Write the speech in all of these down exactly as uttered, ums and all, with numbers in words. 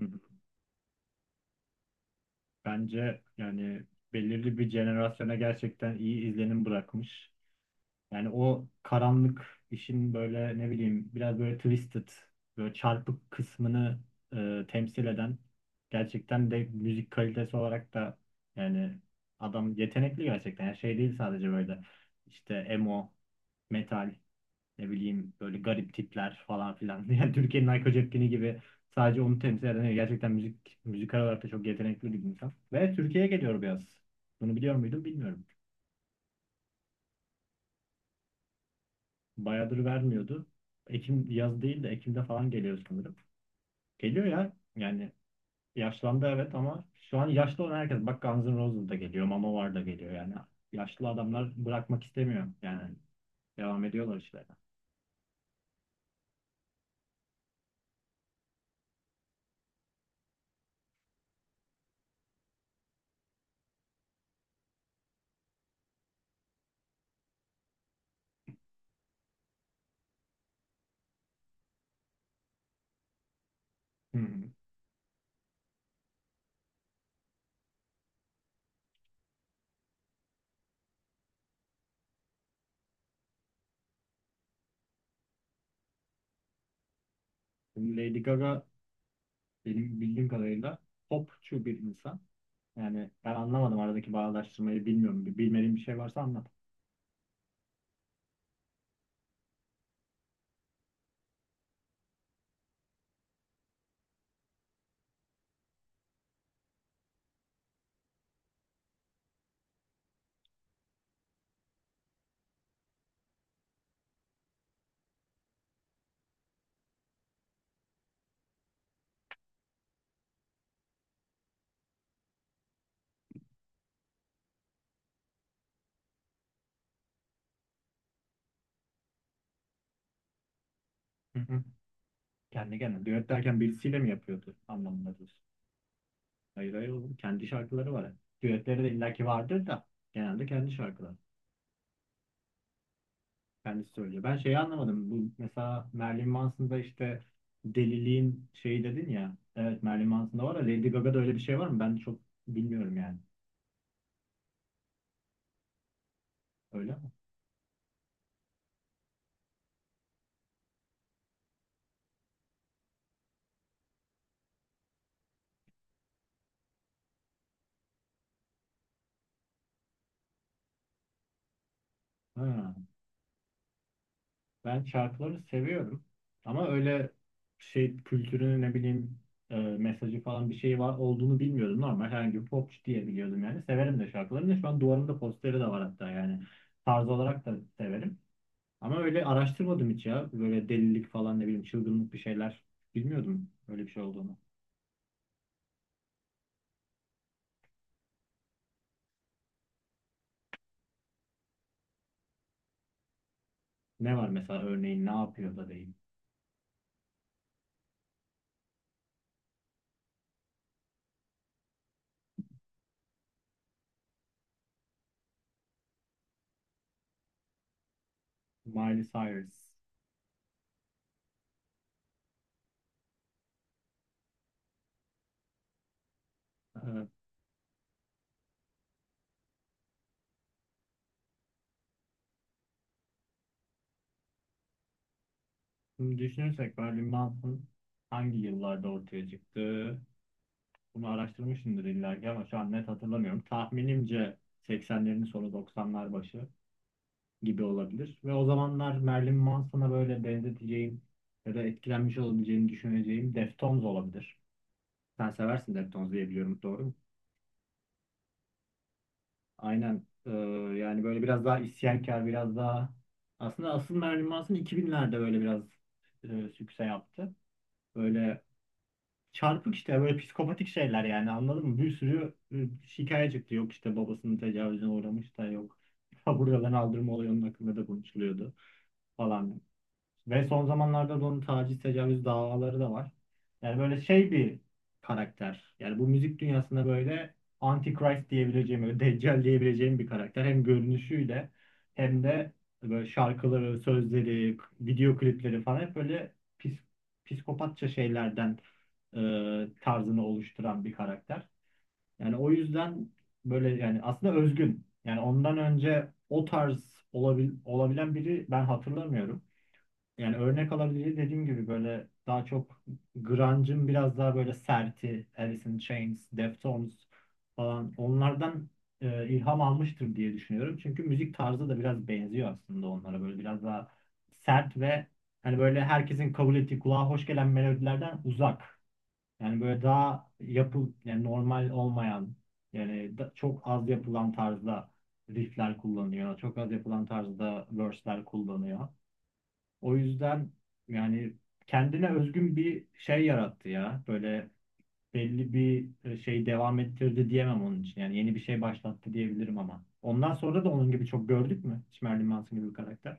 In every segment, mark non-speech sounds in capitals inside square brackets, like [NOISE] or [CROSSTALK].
Hı hı. Bence yani belirli bir jenerasyona gerçekten iyi izlenim bırakmış. Yani o karanlık işin böyle ne bileyim biraz böyle twisted, böyle çarpık kısmını e, temsil eden gerçekten de müzik kalitesi olarak da yani adam yetenekli gerçekten. Yani şey değil sadece böyle işte emo, metal, ne bileyim böyle garip tipler falan filan. [LAUGHS] Yani Türkiye'nin Ayko Cepkini gibi sadece onu temsil eden değil, gerçekten müzik müzikal olarak da çok yetenekli bir insan. Ve Türkiye'ye geliyor biraz. Bunu biliyor muydun bilmiyorum. Bayağıdır vermiyordu. Ekim, yaz değil de Ekim'de falan geliyor sanırım. Geliyor ya. Yani yaşlandı evet ama şu an yaşlı olan herkes, bak Guns N' Roses da geliyor, Manowar da geliyor yani. Yaşlı adamlar bırakmak istemiyor yani. Devam ediyorlar işlerine. Hı hı. Şimdi Lady Gaga benim bildiğim kadarıyla popçu bir insan. Yani ben anlamadım aradaki bağdaştırmayı, bilmiyorum. Bir bilmediğim bir şey varsa anlat. Hı hı. Kendi kendine düet derken birisiyle mi yapıyordu anlamında diyorsun? Hayır hayır oğlum. Kendi şarkıları var. Düetleri de illaki vardır da genelde kendi şarkıları. Kendisi söylüyor. Ben şeyi anlamadım. Bu mesela Marilyn Manson'da işte deliliğin şeyi dedin ya. Evet, Marilyn Manson'da var da Lady Gaga'da öyle bir şey var mı? Ben çok bilmiyorum yani. Öyle mi? Ha. Ben şarkıları seviyorum. Ama öyle şey kültürünü, ne bileyim e, mesajı falan bir şey var olduğunu bilmiyordum. Normal herhangi bir popçu diye biliyordum yani. Severim de şarkılarını. Şu an duvarımda posteri de var hatta yani. Tarz olarak da severim. Ama öyle araştırmadım hiç ya. Böyle delilik falan, ne bileyim çılgınlık bir şeyler. Bilmiyordum öyle bir şey olduğunu. Ne var mesela, örneğin ne yapıyor da değil. Miley Cyrus. Ee, şimdi düşünürsek Marilyn Manson hangi yıllarda ortaya çıktı? Bunu araştırmışımdır illa ki ama şu an net hatırlamıyorum. Tahminimce seksenlerin sonu doksanlar başı gibi olabilir. Ve o zamanlar Marilyn Manson'a böyle benzeteceğim ya da etkilenmiş olabileceğini düşüneceğim Deftones olabilir. Sen seversin Deftones diye biliyorum. Doğru. Aynen. Ee, yani böyle biraz daha isyankar, biraz daha, aslında asıl Marilyn Manson iki binlerde böyle biraz e, sükse yaptı. Böyle çarpık işte böyle psikopatik şeyler, yani anladın mı? Bir sürü e, şikayet çıktı. Yok işte babasının tecavüzüne uğramış da yok. [LAUGHS] Buradan aldırma oluyor, onun hakkında da konuşuluyordu falan. Ve son zamanlarda da onun taciz, tecavüz davaları da var. Yani böyle şey bir karakter. Yani bu müzik dünyasında böyle Antichrist diyebileceğim, böyle Deccal diyebileceğim bir karakter. Hem görünüşüyle hem de böyle şarkıları, sözleri, video klipleri falan hep böyle pis, psikopatça şeylerden e, tarzını oluşturan bir karakter. Yani o yüzden böyle yani aslında özgün. Yani ondan önce o tarz olabil, olabilen biri ben hatırlamıyorum. Yani örnek alabileceği, dediğim gibi böyle daha çok grunge'ın biraz daha böyle serti Alice in Chains, Deftones falan, onlardan e, ilham almıştır diye düşünüyorum. Çünkü müzik tarzı da biraz benziyor aslında onlara, böyle biraz daha sert ve hani böyle herkesin kabul ettiği kulağa hoş gelen melodilerden uzak. Yani böyle daha yapı, yani normal olmayan, yani da- çok az yapılan tarzda riffler kullanıyor. Çok az yapılan tarzda verse'ler kullanıyor. O yüzden yani kendine özgün bir şey yarattı ya. Böyle belli bir e, şey devam ettirdi diyemem onun için. Yani yeni bir şey başlattı diyebilirim ama. Ondan sonra da onun gibi çok gördük mü? Hiç Marilyn Manson gibi bir karakter.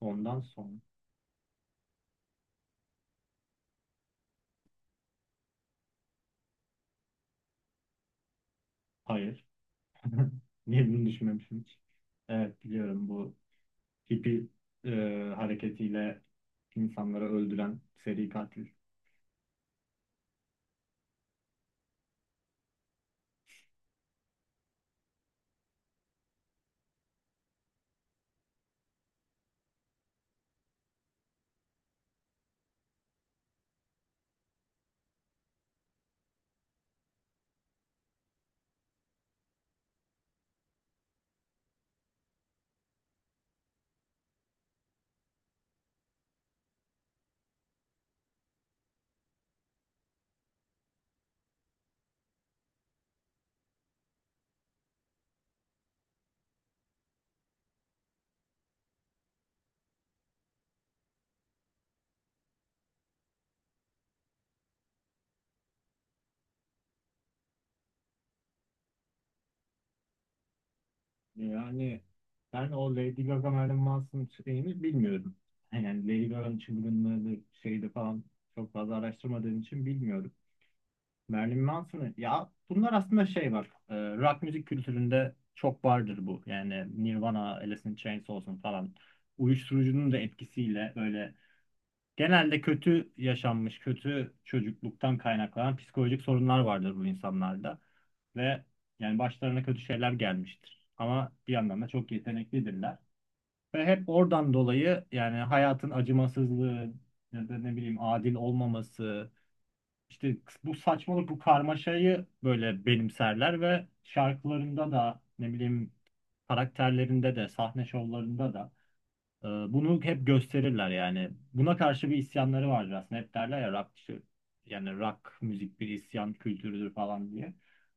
Ondan sonra. Hayır. [LAUGHS] Niye bunu düşünmemişim hiç? Evet biliyorum, bu hippie e, hareketiyle insanları öldüren seri katil. Yani ben o Lady Gaga Marilyn Manson şeyini bilmiyorum. Yani Lady Gaga'nın çılgınlığıdır, şeydi falan, çok fazla araştırmadığım için bilmiyorum. Marilyn Manson'ı ya, bunlar aslında şey var. E, rock müzik kültüründe çok vardır bu. Yani Nirvana, Alice in Chains olsun falan. Uyuşturucunun da etkisiyle böyle genelde kötü yaşanmış, kötü çocukluktan kaynaklanan psikolojik sorunlar vardır bu insanlarda. Ve yani başlarına kötü şeyler gelmiştir. Ama bir yandan da çok yeteneklidirler. Ve hep oradan dolayı, yani hayatın acımasızlığı ya da ne bileyim adil olmaması, işte bu saçmalık, bu karmaşayı böyle benimserler ve şarkılarında da ne bileyim, karakterlerinde de, sahne şovlarında da ee, bunu hep gösterirler yani. Buna karşı bir isyanları vardır aslında. Hep derler ya, rock, işte, yani rock müzik bir isyan kültürüdür falan diye.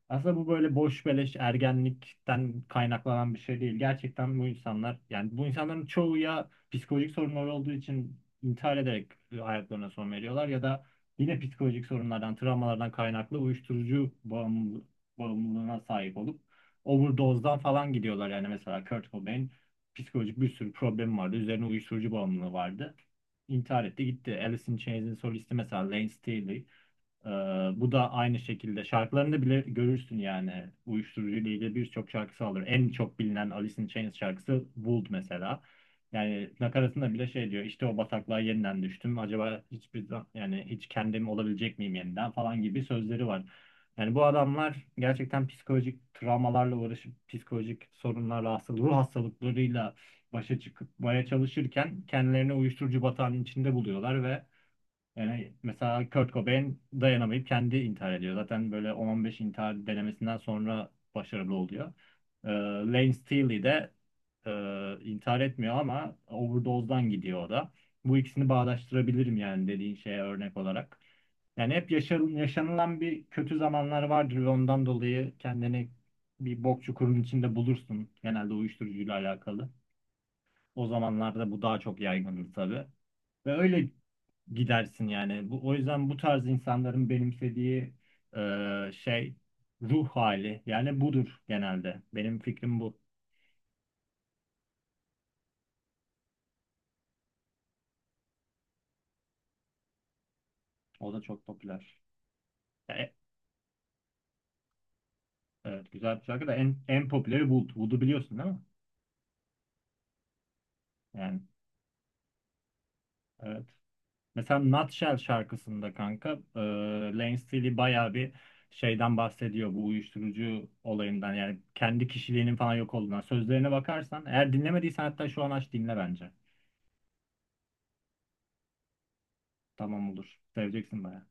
Aslında bu böyle boş beleş ergenlikten kaynaklanan bir şey değil. Gerçekten bu insanlar, yani bu insanların çoğu ya psikolojik sorunları olduğu için intihar ederek hayatlarına son veriyorlar ya da yine psikolojik sorunlardan, travmalardan kaynaklı uyuşturucu bağımlı, bağımlılığına sahip olup overdose'dan falan gidiyorlar. Yani mesela Kurt Cobain, psikolojik bir sürü problemi vardı. Üzerine uyuşturucu bağımlılığı vardı. İntihar etti gitti. Alice in Chains'in solisti mesela Lane Staley. Ee, bu da aynı şekilde, şarkılarında bile görürsün yani uyuşturucu ile ilgili birçok şarkısı alır. En çok bilinen Alice in Chains şarkısı Would mesela. Yani nakaratında bile şey diyor, işte o bataklığa yeniden düştüm. Acaba hiçbir zam- yani hiç kendim olabilecek miyim yeniden falan gibi sözleri var. Yani bu adamlar gerçekten psikolojik travmalarla uğraşıp psikolojik sorunlarla, hastalık, ruh hastalıklarıyla başa çıkmaya çalışırken kendilerini uyuşturucu batağının içinde buluyorlar ve yani mesela Kurt Cobain dayanamayıp kendi intihar ediyor. Zaten böyle on on beş intihar denemesinden sonra başarılı oluyor. Ee, Lane Staley de e, intihar etmiyor ama overdose'dan gidiyor o da. Bu ikisini bağdaştırabilirim yani dediğin şeye örnek olarak. Yani hep yaşan, yaşanılan bir kötü zamanlar vardır ve ondan dolayı kendini bir bok çukurun içinde bulursun. Genelde uyuşturucuyla alakalı. O zamanlarda bu daha çok yaygındır tabii. Ve öyle gidersin yani. Bu, o yüzden bu tarz insanların benimsediği e, şey ruh hali yani budur genelde. Benim fikrim bu. O da çok popüler. E, evet güzel bir şarkı da en, en popüleri Wood. Wood'u biliyorsun değil mi? Yani evet. Mesela Nutshell şarkısında kanka, e, Lane Staley bayağı bir şeyden bahsediyor, bu uyuşturucu olayından, yani kendi kişiliğinin falan yok olduğundan. Sözlerine bakarsan eğer, dinlemediysen hatta şu an aç dinle bence. Tamam olur. Seveceksin bayağı.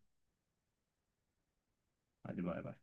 Hadi bay bay.